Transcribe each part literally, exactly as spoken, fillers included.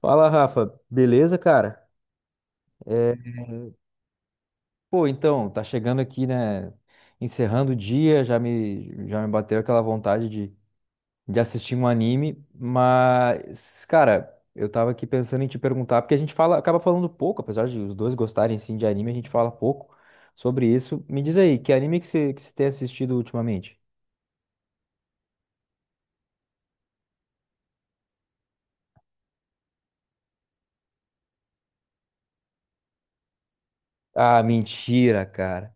Fala, Rafa. Beleza, cara? É, pô, então, tá chegando aqui, né? Encerrando o dia, já me, já me bateu aquela vontade de, de assistir um anime, mas, cara, eu tava aqui pensando em te perguntar, porque a gente fala, acaba falando pouco, apesar de os dois gostarem sim de anime, a gente fala pouco sobre isso. Me diz aí, que anime que você que você tem assistido ultimamente? Ah, mentira, cara.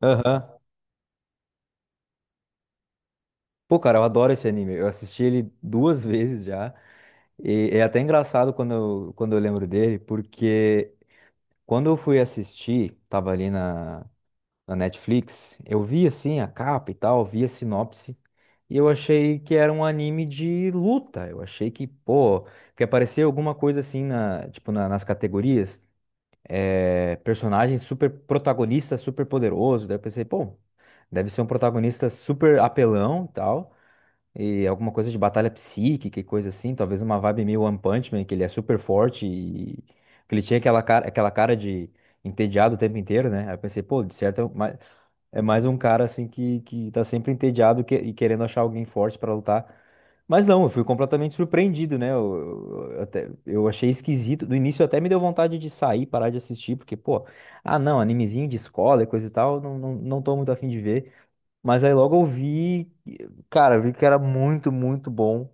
Aham. Pô, cara, eu adoro esse anime. Eu assisti ele duas vezes já. E é até engraçado quando eu, quando eu lembro dele, porque quando eu fui assistir, tava ali na, na Netflix, eu vi assim a capa e tal, vi a sinopse, e eu achei que era um anime de luta. Eu achei que, pô, que aparecia alguma coisa assim na, tipo, na- nas categorias, é, personagem super protagonista, super poderoso. Daí eu pensei, pô, deve ser um protagonista super apelão e tal e alguma coisa de batalha psíquica e coisa assim, talvez uma vibe meio One Punch Man, que ele é super forte e que ele tinha aquela cara, aquela cara de entediado o tempo inteiro, né? Aí eu pensei, pô, de certo, é mais, é mais um cara assim que, que tá sempre entediado que- e querendo achar alguém forte pra lutar. Mas não, eu fui completamente surpreendido, né? Eu, eu, até- eu achei esquisito. No início até me deu vontade de sair, parar de assistir, porque, pô, ah, não, animezinho de escola e coisa e tal, não, não, não tô muito afim de ver. Mas aí logo eu vi, cara, eu vi que era muito, muito bom.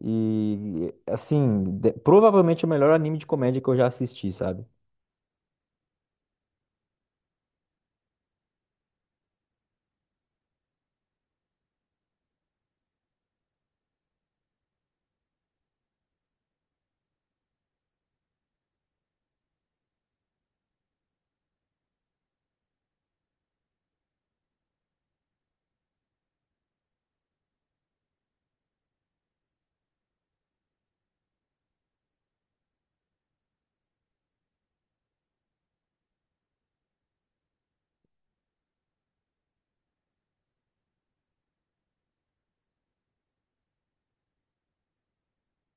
E, assim, de- provavelmente o melhor anime de comédia que eu já assisti, sabe?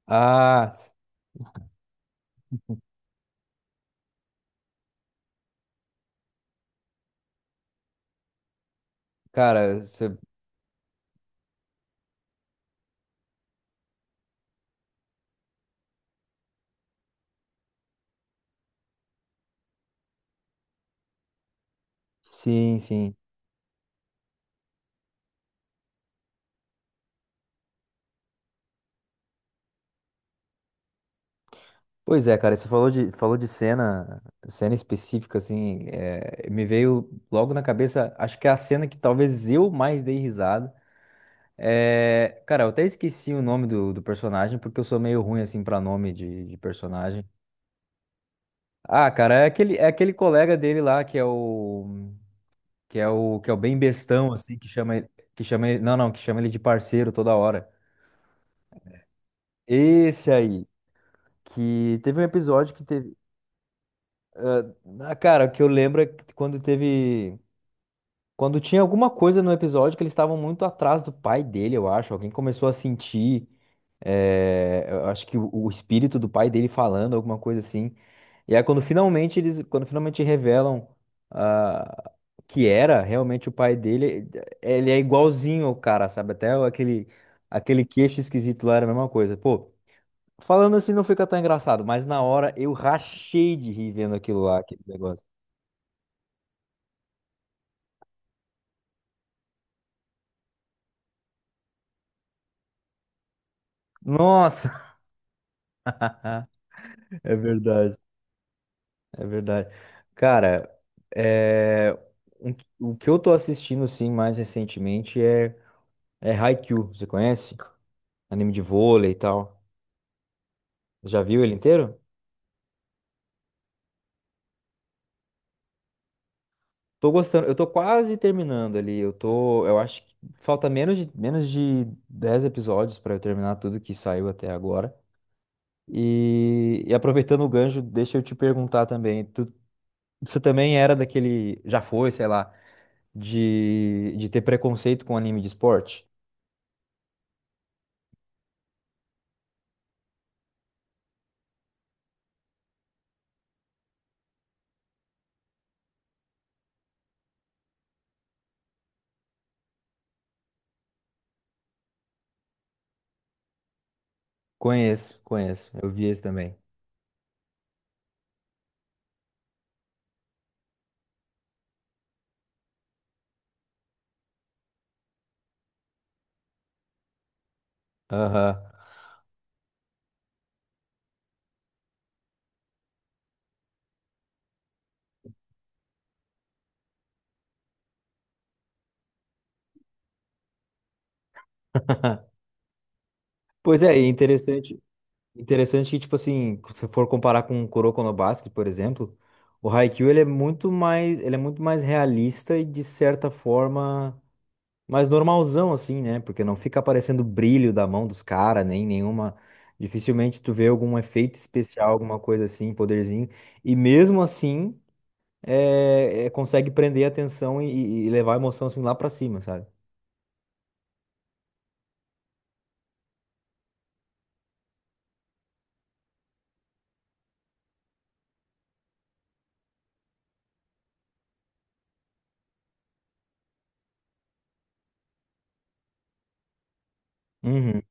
Ah, s- cara, cê- sim, sim. Pois é, cara, você falou de, falou de cena, cena específica, assim, é, me veio logo na cabeça, acho que é a cena que talvez eu mais dei risada. É, cara, eu até esqueci o nome do, do personagem, porque eu sou meio ruim, assim, pra nome de de personagem. Ah, cara, é aquele, é aquele colega dele lá que é o que é o que é o bem bestão assim, que chama ele, que chama ele, não, não, que chama ele de parceiro toda hora. Esse aí que teve um episódio que teve, ah, cara, o que eu lembro é que quando teve quando tinha alguma coisa no episódio que eles estavam muito atrás do pai dele, eu acho. Alguém começou a sentir, eh, eu acho que o, o espírito do pai dele falando alguma coisa assim. E aí quando finalmente eles, quando finalmente revelam ah, que era realmente o pai dele, ele é igualzinho ao cara, sabe? Até o- aquele aquele queixo esquisito lá era a mesma coisa. Pô, falando assim não fica tão engraçado, mas na hora eu rachei de rir vendo aquilo lá, aquele negócio. Nossa! É verdade, é verdade. Cara, é, um que- o que eu tô assistindo assim mais recentemente é é Haikyuu, você conhece? Anime de vôlei e tal. Já viu ele inteiro? Tô gostando, eu tô quase terminando ali. Eu tô, eu acho que falta menos de menos de dez episódios pra eu terminar tudo que saiu até agora. E, e aproveitando o gancho, deixa eu te perguntar também, tu, você também era daquele, já foi, sei lá, de, de ter preconceito com anime de esporte? Conheço, conheço. Eu vi esse também. Aham. Pois é, e interessante Interessante que, tipo assim, se você for comparar com o Kuroko no Basket, por exemplo, o Haikyuu ele é muito mais, ele é muito mais realista e de certa forma mais normalzão assim, né? Porque não fica aparecendo brilho da mão dos caras, nem nenhuma, dificilmente tu vê algum efeito especial, alguma coisa assim, poderzinho. E mesmo assim, é, é- consegue prender a atenção e, e- e levar a emoção assim lá pra cima, sabe? Uhum.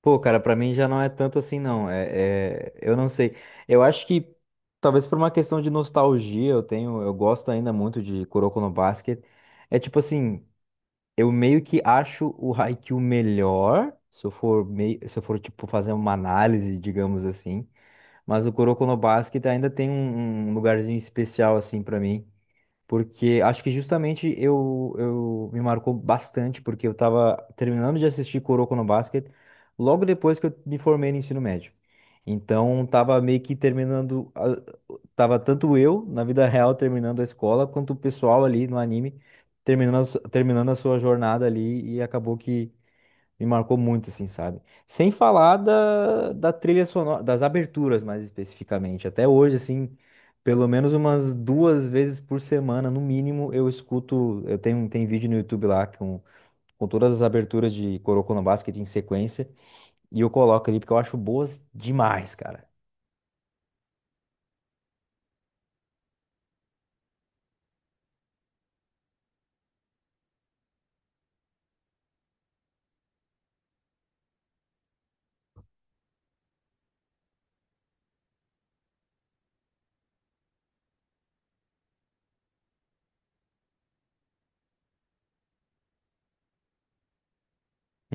Pô, cara, pra mim já não é tanto assim, não. É, é- eu não sei. Eu acho que talvez por uma questão de nostalgia, eu tenho, eu gosto ainda muito de Kuroko no Basket. É tipo assim, eu meio que acho o Haikyuu melhor, se eu for meio, se eu for tipo fazer uma análise, digamos assim. Mas o Kuroko no Basket ainda tem um, um lugarzinho especial assim pra mim. Porque acho que justamente eu, eu me marcou bastante, porque eu tava terminando de assistir Kuroko no Basket logo depois que eu me formei no ensino médio. Então tava meio que terminando, a- tava tanto eu na vida real terminando a escola, quanto o pessoal ali no anime terminando, a su- terminando a sua jornada ali e acabou que me marcou muito, assim, sabe? Sem falar da, da trilha sonora, das aberturas mais especificamente. Até hoje, assim, pelo menos umas duas vezes por semana, no mínimo, eu escuto. Eu tenho, tem vídeo no YouTube lá com, com todas as aberturas de Coroconoba's que tem em sequência. E eu coloco ali porque eu acho boas demais, cara.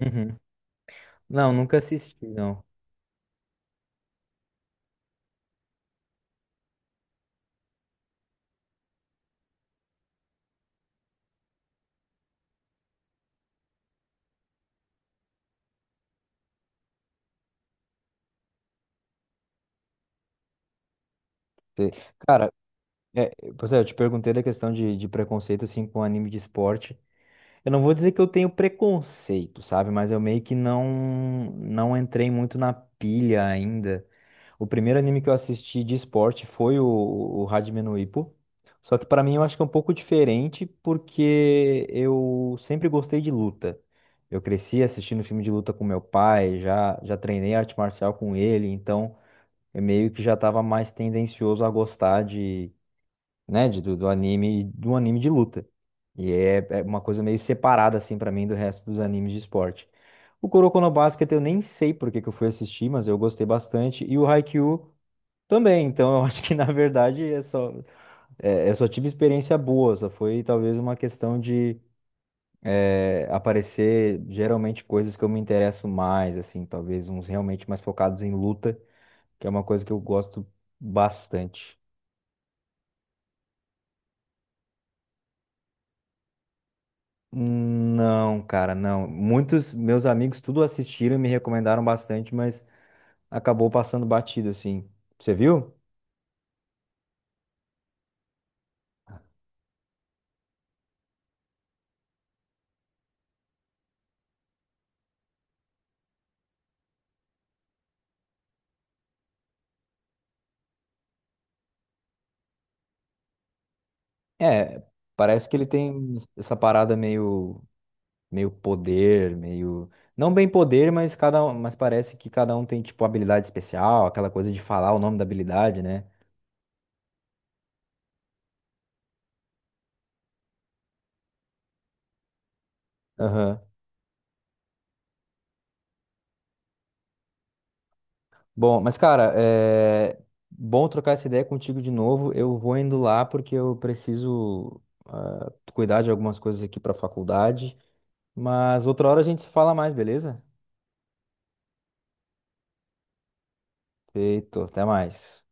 Uhum. Não, nunca assisti, não. Sei. Cara, é, pois é, eu te perguntei da questão de, de preconceito, assim, com anime de esporte. Eu não vou dizer que eu tenho preconceito, sabe? Mas eu meio que não não entrei muito na pilha ainda. O primeiro anime que eu assisti de esporte foi o, o Hajime no Ippo. Só que pra mim eu acho que é um pouco diferente porque eu sempre gostei de luta. Eu cresci assistindo filme de luta com meu pai, já já treinei arte marcial com ele, então eu meio que já estava mais tendencioso a gostar né, de, do, do anime, do anime de luta. E é, é uma coisa meio separada, assim, pra mim, do resto dos animes de esporte. O Kuroko no Basket eu nem sei por que que eu fui assistir, mas eu gostei bastante. E o Haikyuu também, então eu acho que, na verdade, é só, é, é, eu só tive experiência boa, só foi talvez uma questão de é, aparecer geralmente coisas que eu me interesso mais, assim, talvez uns realmente mais focados em luta, que é uma coisa que eu gosto bastante. Não, cara, não. Muitos meus amigos tudo assistiram e me recomendaram bastante, mas acabou passando batido, assim. Você viu? É, parece que ele tem essa parada meio, meio poder, meio. Não bem poder, mas cada um, mas parece que cada um tem, tipo, habilidade especial, aquela coisa de falar o nome da habilidade, né? Aham. Bom, mas, cara, é bom trocar essa ideia contigo de novo. Eu vou indo lá porque eu preciso, ah, cuidar de algumas coisas aqui para a faculdade. Mas outra hora a gente se fala mais, beleza? Feito, até mais.